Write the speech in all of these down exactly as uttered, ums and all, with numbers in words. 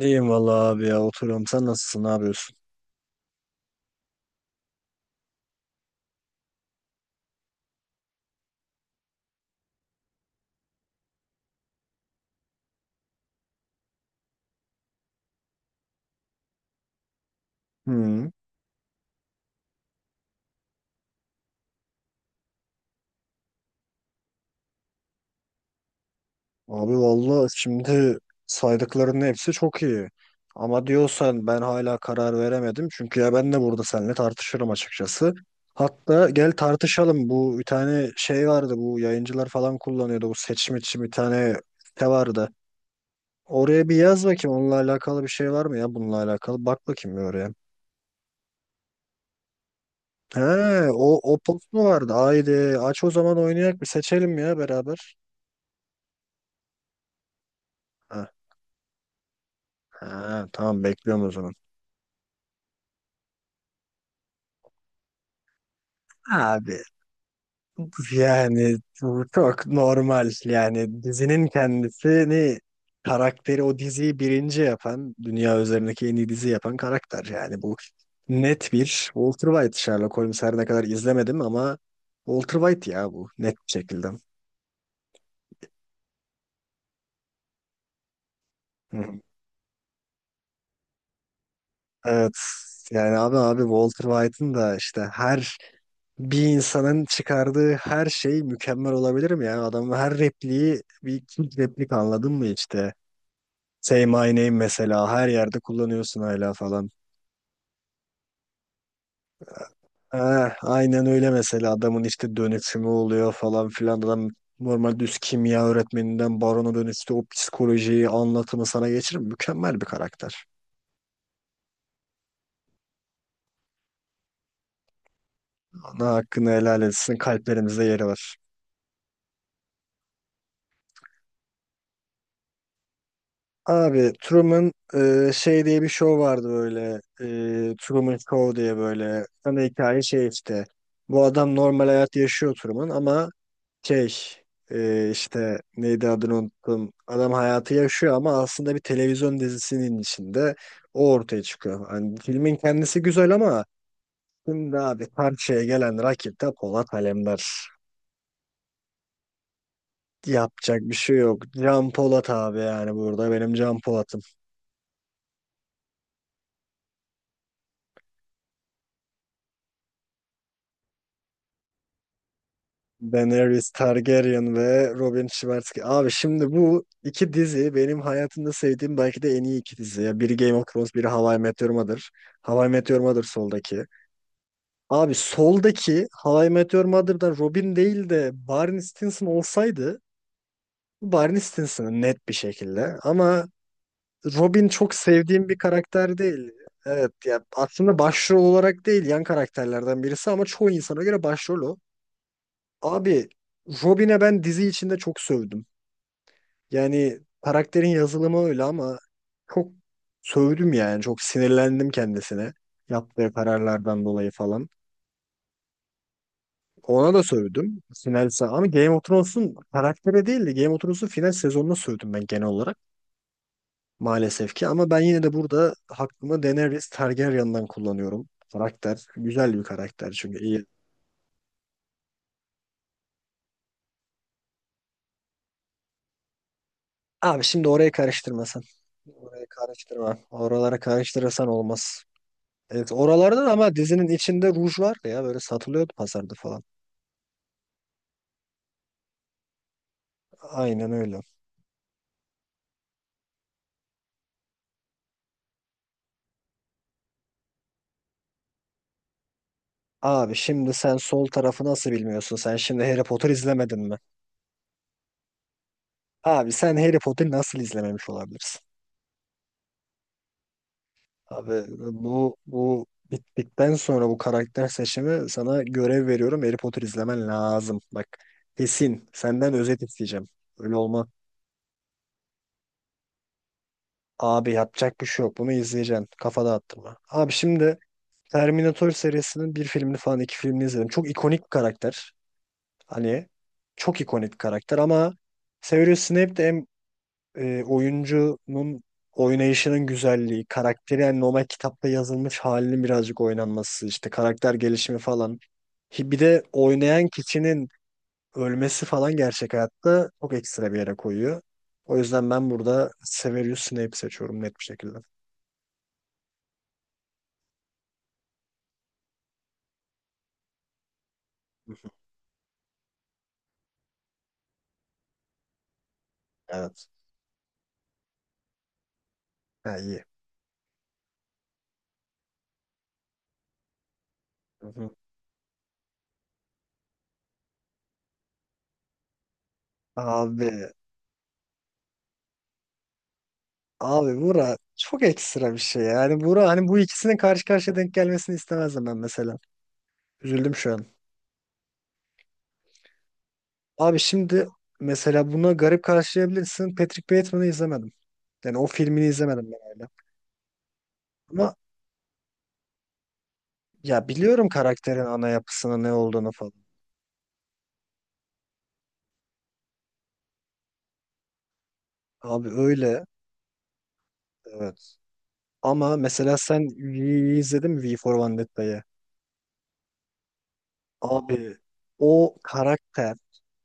İyiyim valla abi ya oturuyorum. Sen nasılsın? Ne yapıyorsun? Hmm. Abi valla şimdi saydıklarının hepsi çok iyi. Ama diyorsan ben hala karar veremedim. Çünkü ya ben de burada seninle tartışırım açıkçası. Hatta gel tartışalım. Bu bir tane şey vardı. Bu yayıncılar falan kullanıyordu. Bu seçim için bir tane site vardı. Oraya bir yaz bakayım. Onunla alakalı bir şey var mı ya? Bununla alakalı. Bak bakayım bir oraya. He, o, o post mu vardı? Haydi aç o zaman oynayak bir seçelim ya beraber. Heh. Ha, tamam bekliyorum o zaman. Abi yani bu çok normal. Yani dizinin kendisini karakteri o diziyi birinci yapan dünya üzerindeki en iyi dizi yapan karakter. Yani bu net bir Walter White. Sherlock Holmes her ne kadar izlemedim ama Walter White ya bu net bir şekilde. Hı. Evet yani abi abi Walter White'ın da işte her bir insanın çıkardığı her şey mükemmel olabilir mi? Yani adamın her repliği bir ilk replik anladın mı işte? Say my name mesela her yerde kullanıyorsun hala falan. Ha, aynen öyle mesela adamın işte dönüşümü oluyor falan filan adam normal düz kimya öğretmeninden barona dönüştü o psikolojiyi anlatımı sana geçirir mükemmel bir karakter. Ona hakkını helal etsin kalplerimizde yeri var. Abi Truman e, şey diye bir show vardı böyle e, Truman Show diye böyle ana hikaye şey işte bu adam normal hayat yaşıyor Truman ama şey e, işte neydi adını unuttum adam hayatı yaşıyor ama aslında bir televizyon dizisinin içinde o ortaya çıkıyor. Hani filmin kendisi güzel ama şimdi abi karşıya gelen rakip de Polat Alemdar yapacak bir şey yok. Can Polat abi yani burada benim Can Polat'ım. Daenerys Targaryen ve Robin Schwarzkopf. Abi şimdi bu iki dizi benim hayatımda sevdiğim belki de en iyi iki dizi. Ya biri Game of Thrones, biri How I Met Your Mother. How I Met Your Mother soldaki. Abi soldaki How I Met Your Mother'da Robin değil de Barney Stinson olsaydı bu Barney Stinson'ın net bir şekilde. Ama Robin çok sevdiğim bir karakter değil. Evet ya aslında başrol olarak değil yan karakterlerden birisi ama çoğu insana göre başrol o. Abi Robin'e ben dizi içinde çok sövdüm. Yani karakterin yazılımı öyle ama çok sövdüm yani. Çok sinirlendim kendisine. Yaptığı kararlardan dolayı falan. Ona da sövdüm. Final se- ama Game of Thrones'un karaktere değil de Game of Thrones'un final sezonuna sövdüm ben genel olarak. Maalesef ki ama ben yine de burada hakkımı Daenerys Targaryen'dan kullanıyorum. Karakter güzel bir karakter çünkü iyi. Abi şimdi oraya karıştırmasan. Oraya karıştırma. Oralara karıştırırsan olmaz. Evet, oralardan ama dizinin içinde ruj var ya böyle satılıyordu pazarda falan. Aynen öyle. Abi şimdi sen sol tarafı nasıl bilmiyorsun? Sen şimdi Harry Potter izlemedin mi? Abi sen Harry Potter'ı nasıl izlememiş olabilirsin? Abi bu bu bittikten sonra bu karakter seçimi sana görev veriyorum. Harry Potter izlemen lazım. Bak kesin senden özet isteyeceğim. Öyle olma. Abi yapacak bir şey yok. Bunu izleyeceksin. Kafada attırma. Abi şimdi Terminator serisinin bir filmini falan iki filmini izledim. Çok ikonik bir karakter. Hani çok ikonik bir karakter ama Severus Snape de hem e, oyuncunun oynayışının güzelliği, karakteri yani normal kitapta yazılmış halinin birazcık oynanması, işte karakter gelişimi falan. Hi- Bir de oynayan kişinin ölmesi falan gerçek hayatta çok ekstra bir yere koyuyor. O yüzden ben burada Severus Snape seçiyorum net bir şekilde. Evet. Ha, iyi. Hı hı. Abi Abi Burak çok ekstra bir şey. Yani Burak hani bu ikisinin karşı karşıya denk gelmesini istemezdim ben mesela. Üzüldüm şu an. Abi şimdi mesela buna garip karşılayabilirsin. Patrick Bateman'ı izlemedim. Yani o filmini izlemedim ben öyle. Ama ya biliyorum karakterin ana yapısının ne olduğunu falan. Abi öyle. Evet. Ama mesela sen V'yi izledin mi? V for Vendetta'yı. Abi o karakter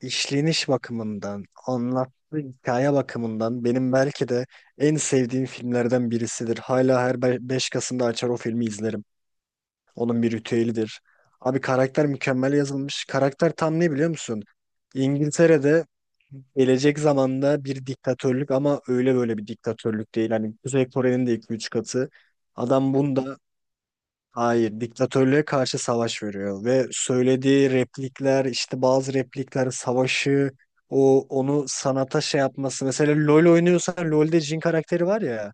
işleniş bakımından, anlattığı hikaye bakımından benim belki de en sevdiğim filmlerden birisidir. Hala her beş Kasım'da açar o filmi izlerim. Onun bir ritüelidir. Abi karakter mükemmel yazılmış. Karakter tam ne biliyor musun? İngiltere'de gelecek zamanda bir diktatörlük ama öyle böyle bir diktatörlük değil. Hani Kuzey Kore'nin de iki üç katı. Adam bunda hayır, diktatörlüğe karşı savaş veriyor ve söylediği replikler, işte bazı replikler savaşı, o onu sanata şey yapması. Mesela LoL oynuyorsan LoL'de Jhin karakteri var ya,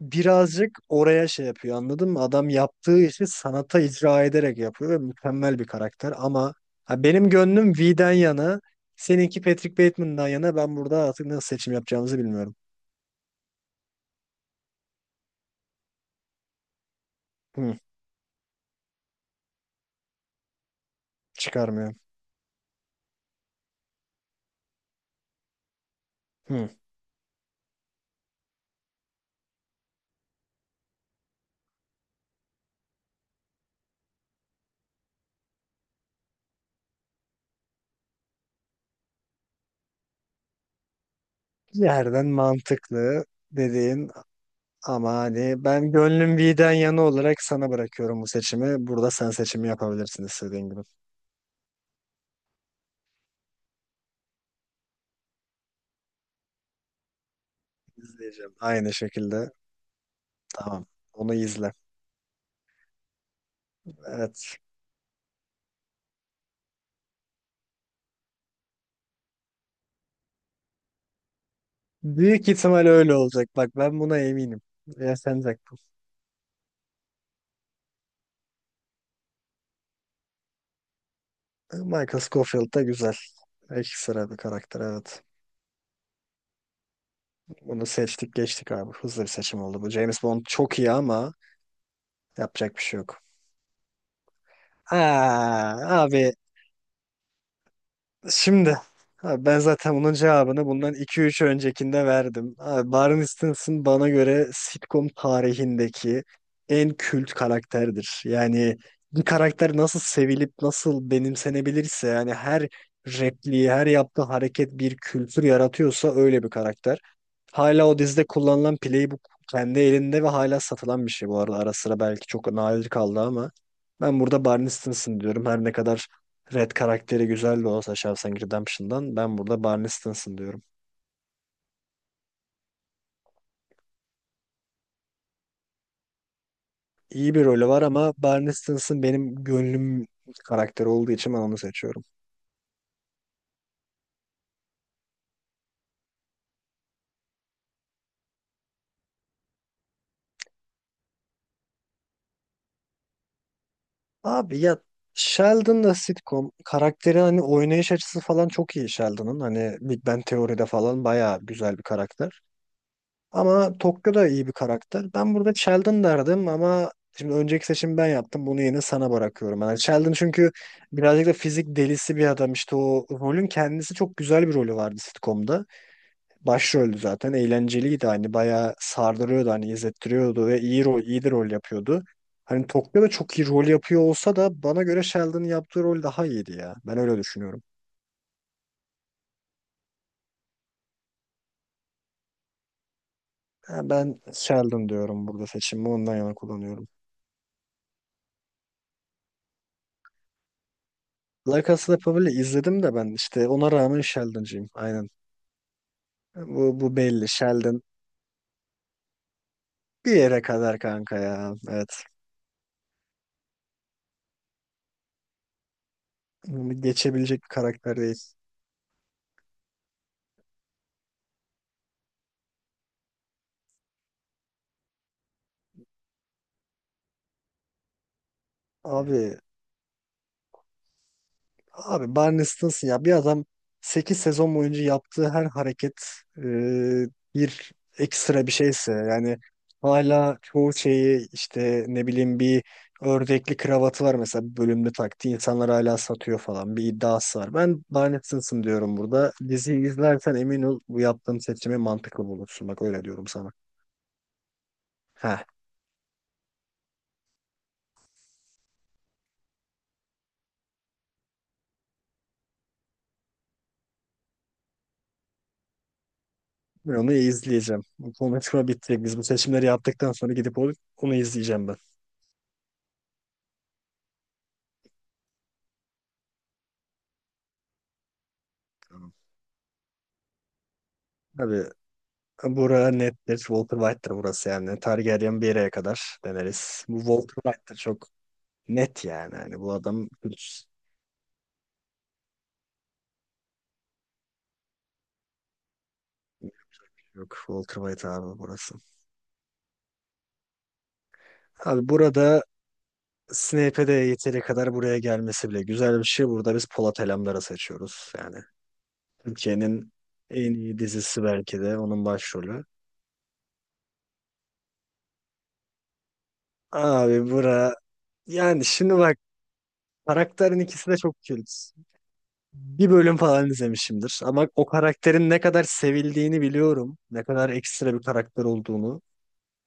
birazcık oraya şey yapıyor anladın mı? Adam yaptığı işi sanata icra ederek yapıyor ve mükemmel bir karakter ama ha, benim gönlüm V'den yana, seninki Patrick Bateman'dan yana ben burada artık nasıl seçim yapacağımızı bilmiyorum. Hı, çıkarmıyorum. Hı. Yerden mantıklı dediğin. Ama hani ben gönlüm V'den yana olarak sana bırakıyorum bu seçimi. Burada sen seçimi yapabilirsin istediğin gibi. İzleyeceğim. Aynı şekilde. Tamam. Onu izle. Evet. Büyük ihtimal öyle olacak. Bak ben buna eminim. Yaşanacak bu. Michael Scofield da güzel. Ekstra bir karakter evet. Bunu seçtik geçtik abi. Hızlı bir seçim oldu bu. James Bond çok iyi ama yapacak bir şey yok. Aa, abi şimdi abi ben zaten bunun cevabını bundan iki üç öncekinde verdim. Abi Barney Stinson bana göre sitcom tarihindeki en kült karakterdir. Yani bir karakter nasıl sevilip nasıl benimsenebilirse yani her repliği, her yaptığı hareket bir kültür yaratıyorsa öyle bir karakter. Hala o dizide kullanılan playbook kendi elinde ve hala satılan bir şey bu arada. Ara sıra belki çok nadir kaldı ama ben burada Barney Stinson diyorum. Her ne kadar Red karakteri güzel de olsa Shawshank Redemption'dan ben burada Barney Stinson diyorum. İyi bir rolü var ama Barney Stinson benim gönlüm karakteri olduğu için ben onu seçiyorum. Abi ya Sheldon da sitcom karakteri hani oynayış açısı falan çok iyi Sheldon'ın. Hani Big Bang Teori'de falan bayağı güzel bir karakter. Ama Tokyo da iyi bir karakter. Ben burada Sheldon derdim ama şimdi önceki seçimi ben yaptım. Bunu yine sana bırakıyorum. Yani Sheldon çünkü birazcık da fizik delisi bir adam. İşte o rolün kendisi çok güzel bir rolü vardı sitcom'da. Başroldü zaten. Eğlenceliydi hani bayağı sardırıyordu hani izlettiriyordu ve iyi rol, iyi de rol yapıyordu. Hani Tokyo'da çok iyi rol yapıyor olsa da bana göre Sheldon'ın yaptığı rol daha iyiydi ya. Ben öyle düşünüyorum. Ha, ben Sheldon diyorum burada seçimi. Ondan yana kullanıyorum. La Casa de Papel'i izledim de ben işte ona rağmen Sheldon'cıyım. Aynen. Bu, bu belli. Sheldon bir yere kadar kanka ya. Evet. Bunu geçebilecek bir karakter değil. Evet. Abi Abi Barney Stinson ya bir adam sekiz sezon boyunca yaptığı her hareket e, bir ekstra bir şeyse yani hala çoğu şeyi işte ne bileyim bir ördekli kravatı var mesela bir bölümde taktı insanlar hala satıyor falan bir iddiası var. Ben Barney Stinson diyorum burada. Diziyi izlersen emin ol bu yaptığım seçimi mantıklı bulursun. Bak öyle diyorum sana. Heh. Ben onu izleyeceğim. Bu konuşma bitti. Biz bu seçimleri yaptıktan sonra gidip onu onu izleyeceğim ben. Tamam. Hadi bura nettir. Walter White'tir burası yani. Targaryen bir yere kadar deneriz. Bu Walter White'tir çok net yani. Hani bu adam hiç yok. Walter White abi burası. Abi burada Snape'e de yeteri kadar buraya gelmesi bile güzel bir şey. Burada biz Polat Alemdar'ı seçiyoruz. Yani Türkiye'nin en iyi dizisi belki de onun başrolü. Abi bura yani şimdi bak karakterin ikisi de çok kült. Bir bölüm falan izlemişimdir. Ama o karakterin ne kadar sevildiğini biliyorum. Ne kadar ekstra bir karakter olduğunu.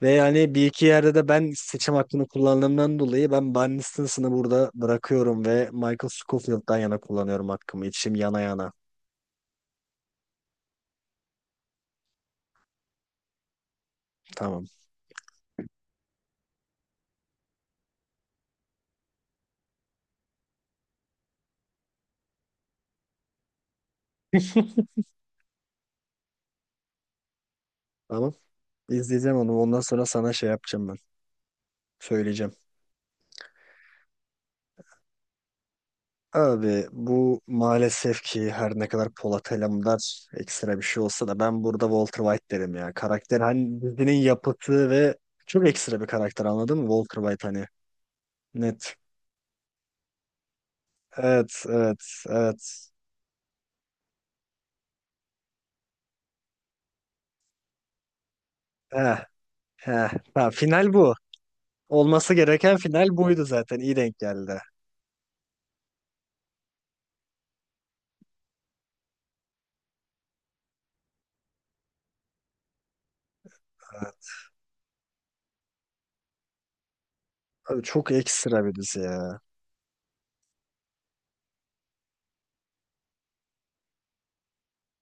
Ve yani bir iki yerde de ben seçim hakkını kullandığımdan dolayı ben Barney Stinson'ı burada bırakıyorum ve Michael Scofield'dan yana kullanıyorum hakkımı. İçim yana yana. Tamam. Tamam. İzleyeceğim onu. Ondan sonra sana şey yapacağım ben. Söyleyeceğim. Abi bu maalesef ki her ne kadar Polat Alemdar ekstra bir şey olsa da ben burada Walter White derim ya. Karakter hani dizinin yapıtı ve çok ekstra bir karakter anladın mı? Walter White hani net. Evet evet evet. Heh, heh. Ha, final bu. Olması gereken final buydu zaten. İyi denk geldi. Abi çok ekstra bir dizi ya.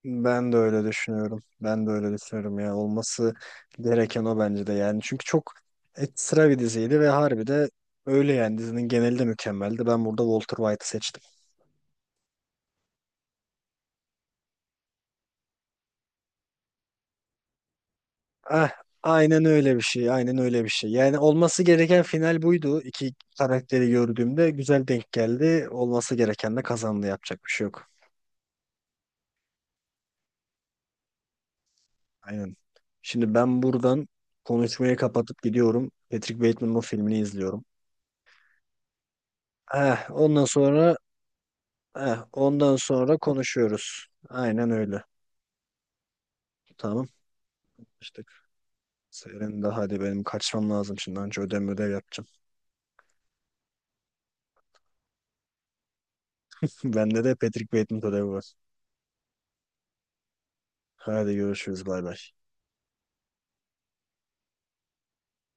Ben de öyle düşünüyorum. Ben de öyle düşünüyorum ya. Olması gereken o bence de yani. Çünkü çok ekstra bir diziydi ve harbi de öyle yani. Dizinin geneli de mükemmeldi. Ben burada Walter White'ı seçtim. Ah, aynen öyle bir şey. Aynen öyle bir şey. Yani olması gereken final buydu. İki karakteri gördüğümde güzel denk geldi. Olması gereken de kazandı. Yapacak bir şey yok. Aynen. Şimdi ben buradan konuşmayı kapatıp gidiyorum. Patrick Bateman'ın o filmini izliyorum. Eh, ondan sonra Eh, ondan sonra konuşuyoruz. Aynen öyle. Tamam. İşte senin de hadi benim kaçmam lazım şimdi. Önce ödev ödev yapacağım. Bende de Patrick Bateman ödevi var. Hadi görüşürüz. Bay bay.